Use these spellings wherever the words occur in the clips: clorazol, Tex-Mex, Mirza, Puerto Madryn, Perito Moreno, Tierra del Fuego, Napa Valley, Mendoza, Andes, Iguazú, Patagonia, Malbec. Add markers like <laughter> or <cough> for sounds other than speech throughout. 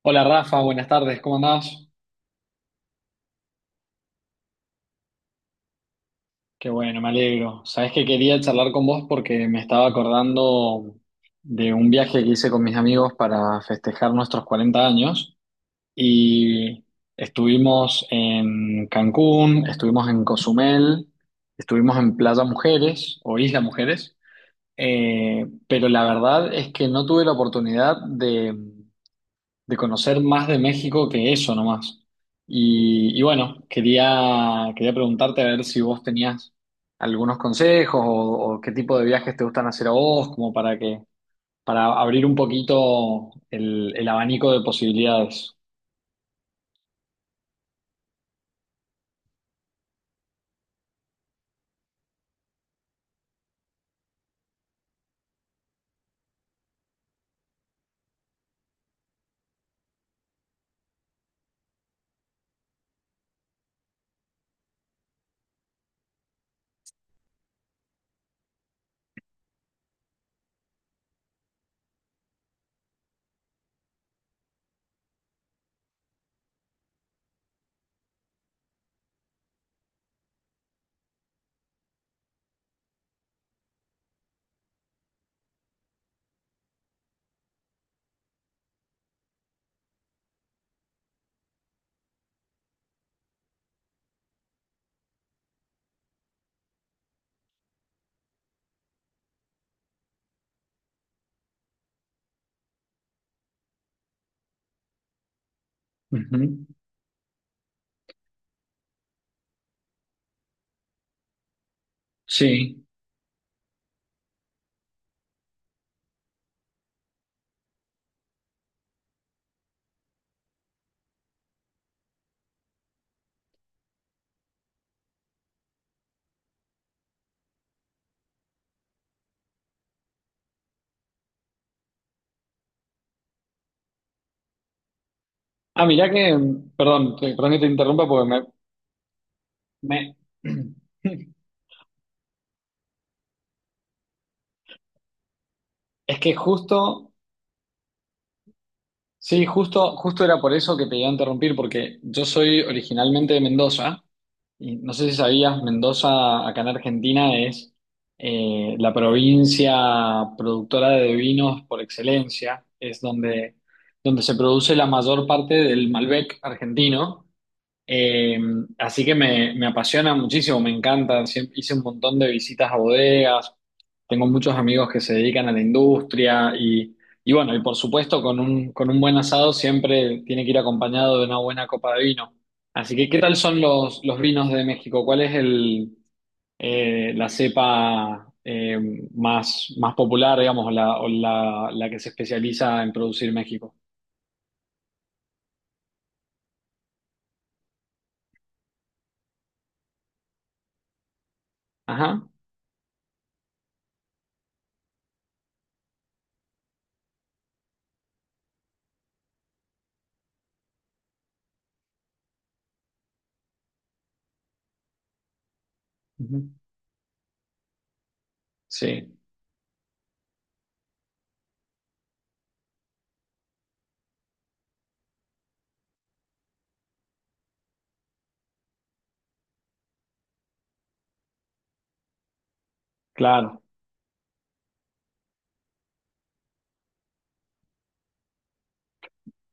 Hola Rafa, buenas tardes, ¿cómo andás? Qué bueno, me alegro. Sabés que quería charlar con vos porque me estaba acordando de un viaje que hice con mis amigos para festejar nuestros 40 años y estuvimos en Cancún, estuvimos en Cozumel, estuvimos en Playa Mujeres o Isla Mujeres, pero la verdad es que no tuve la oportunidad de conocer más de México que eso nomás. Y bueno, quería preguntarte a ver si vos tenías algunos consejos o qué tipo de viajes te gustan hacer a vos, como para para abrir un poquito el abanico de posibilidades. Ujú. Sí. Ah, mirá que, perdón, perdón que te interrumpa porque me- <clears throat> es que justo. Sí, justo, justo era por eso que te iba a interrumpir, porque yo soy originalmente de Mendoza, y no sé si sabías, Mendoza acá en Argentina es la provincia productora de vinos por excelencia, es donde, donde se produce la mayor parte del Malbec argentino. Eh, Así que me apasiona muchísimo, me encanta. Siempre, hice un montón de visitas a bodegas, tengo muchos amigos que se dedican a la industria y bueno, y por supuesto con un buen asado siempre tiene que ir acompañado de una buena copa de vino. Así que, ¿qué tal son los vinos de México? ¿Cuál es el, la cepa más, más popular, digamos, o la, la que se especializa en producir México? Ajá. Ujú. Sí, claro.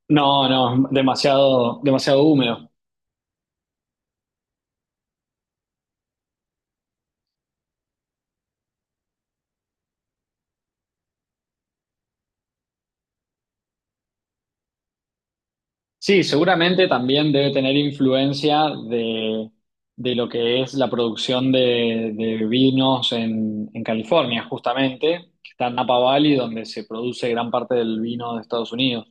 No, no, demasiado, demasiado húmedo. Sí, seguramente también debe tener influencia de lo que es la producción de vinos en California, justamente, que está en Napa Valley, donde se produce gran parte del vino de Estados Unidos.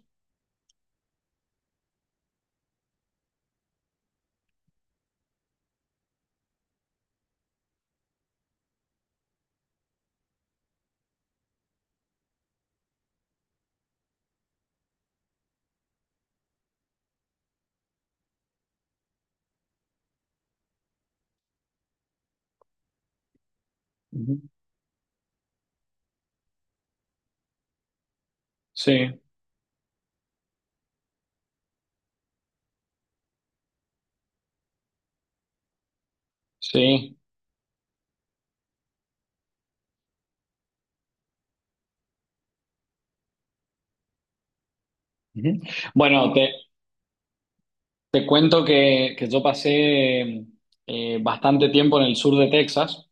Ujú. Sí, sí. Ujú. Bueno, te cuento que yo pasé bastante tiempo en el sur de Texas.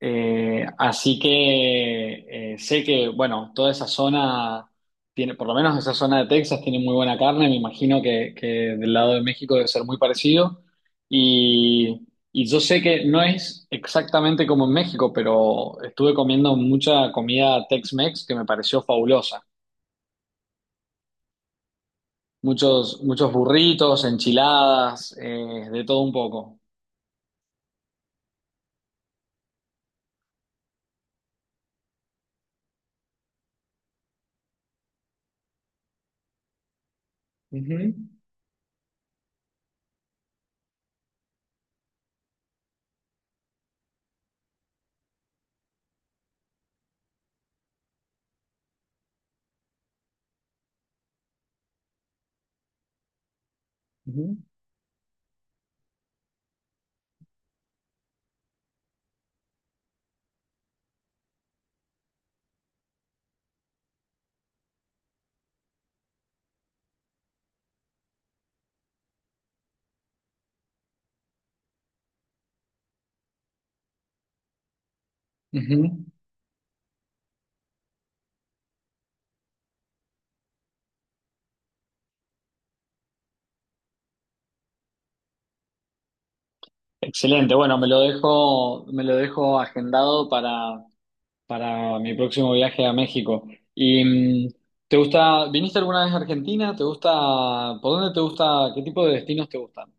Así que sé que, bueno, toda esa zona tiene, por lo menos esa zona de Texas tiene muy buena carne, me imagino que del lado de México debe ser muy parecido. Y, y yo sé que no es exactamente como en México, pero estuve comiendo mucha comida Tex-Mex que me pareció fabulosa. Muchos, muchos burritos, enchiladas, de todo un poco. Ujú, ujú, ujú. Excelente, bueno, me lo dejo agendado para mi próximo viaje a México. ¿Y mm, te gusta, viniste alguna vez a Argentina? ¿Te gusta, por dónde te gusta, qué tipo de destinos te gustan?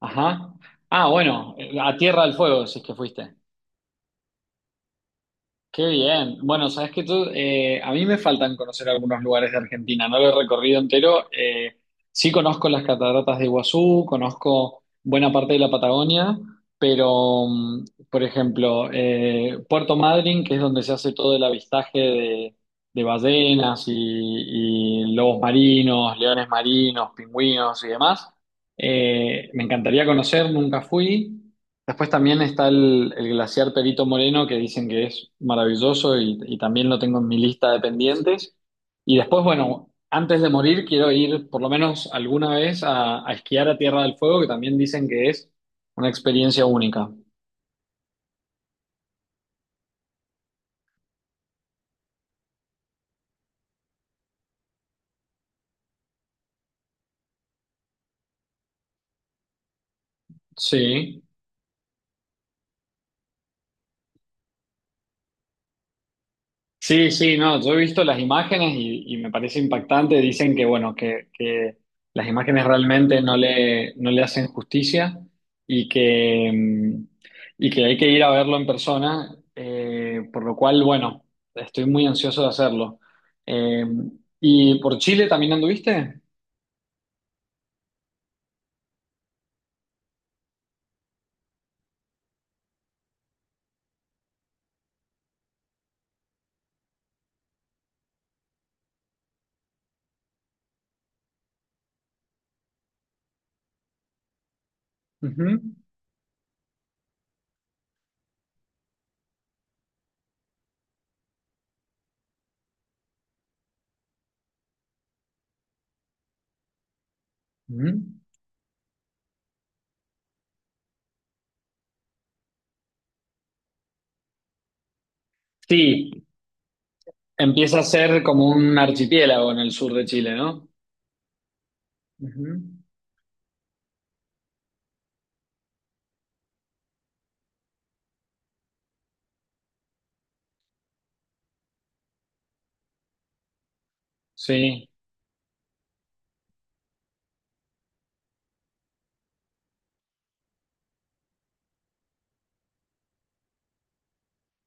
Ajá. Ah, bueno, a Tierra del Fuego, si es que fuiste. Qué bien. Bueno, sabes que tú, a mí me faltan conocer algunos lugares de Argentina, no lo he recorrido entero. Sí conozco las cataratas de Iguazú, conozco buena parte de la Patagonia, pero, por ejemplo, Puerto Madryn, que es donde se hace todo el avistaje de ballenas y lobos marinos, leones marinos, pingüinos y demás, me encantaría conocer, nunca fui. Después también está el glaciar Perito Moreno, que dicen que es maravilloso y también lo tengo en mi lista de pendientes. Y después, bueno, antes de morir quiero ir por lo menos alguna vez a esquiar a Tierra del Fuego, que también dicen que es una experiencia única. Sí. Sí, sí, no, yo he visto las imágenes y me parece impactante. Dicen que, bueno, que las imágenes realmente no le, no le hacen justicia y que, y que hay que ir a verlo en persona, por lo cual, bueno, estoy muy ansioso de hacerlo. Eh, ¿Y por Chile también anduviste? Ujú, ujú. Sí, empieza a ser como un archipiélago en el sur de Chile, ¿no? Ujú. Sí,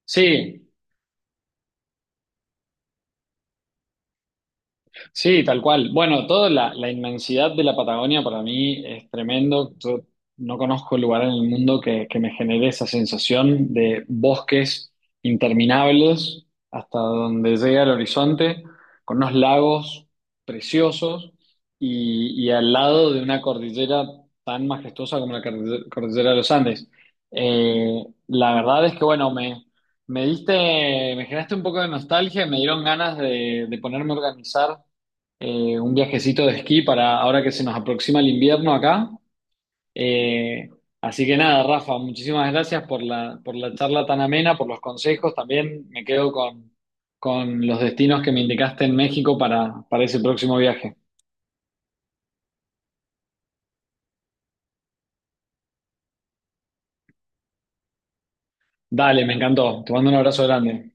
sí. Sí, tal cual. Bueno, toda la, la inmensidad de la Patagonia para mí es tremendo. Yo no conozco lugar en el mundo que me genere esa sensación de bosques interminables hasta donde llega el horizonte, con unos lagos preciosos y al lado de una cordillera tan majestuosa como la cordillera de los Andes. La verdad es que, bueno, me... Me diste, me generaste un poco de nostalgia, y me dieron ganas de ponerme a organizar un viajecito de esquí para ahora que se nos aproxima el invierno acá. Eh, así que nada, Rafa, muchísimas gracias por la charla tan amena, por los consejos. También me quedo con los destinos que me indicaste en México para ese próximo viaje. Dale, me encantó. Te mando un abrazo grande.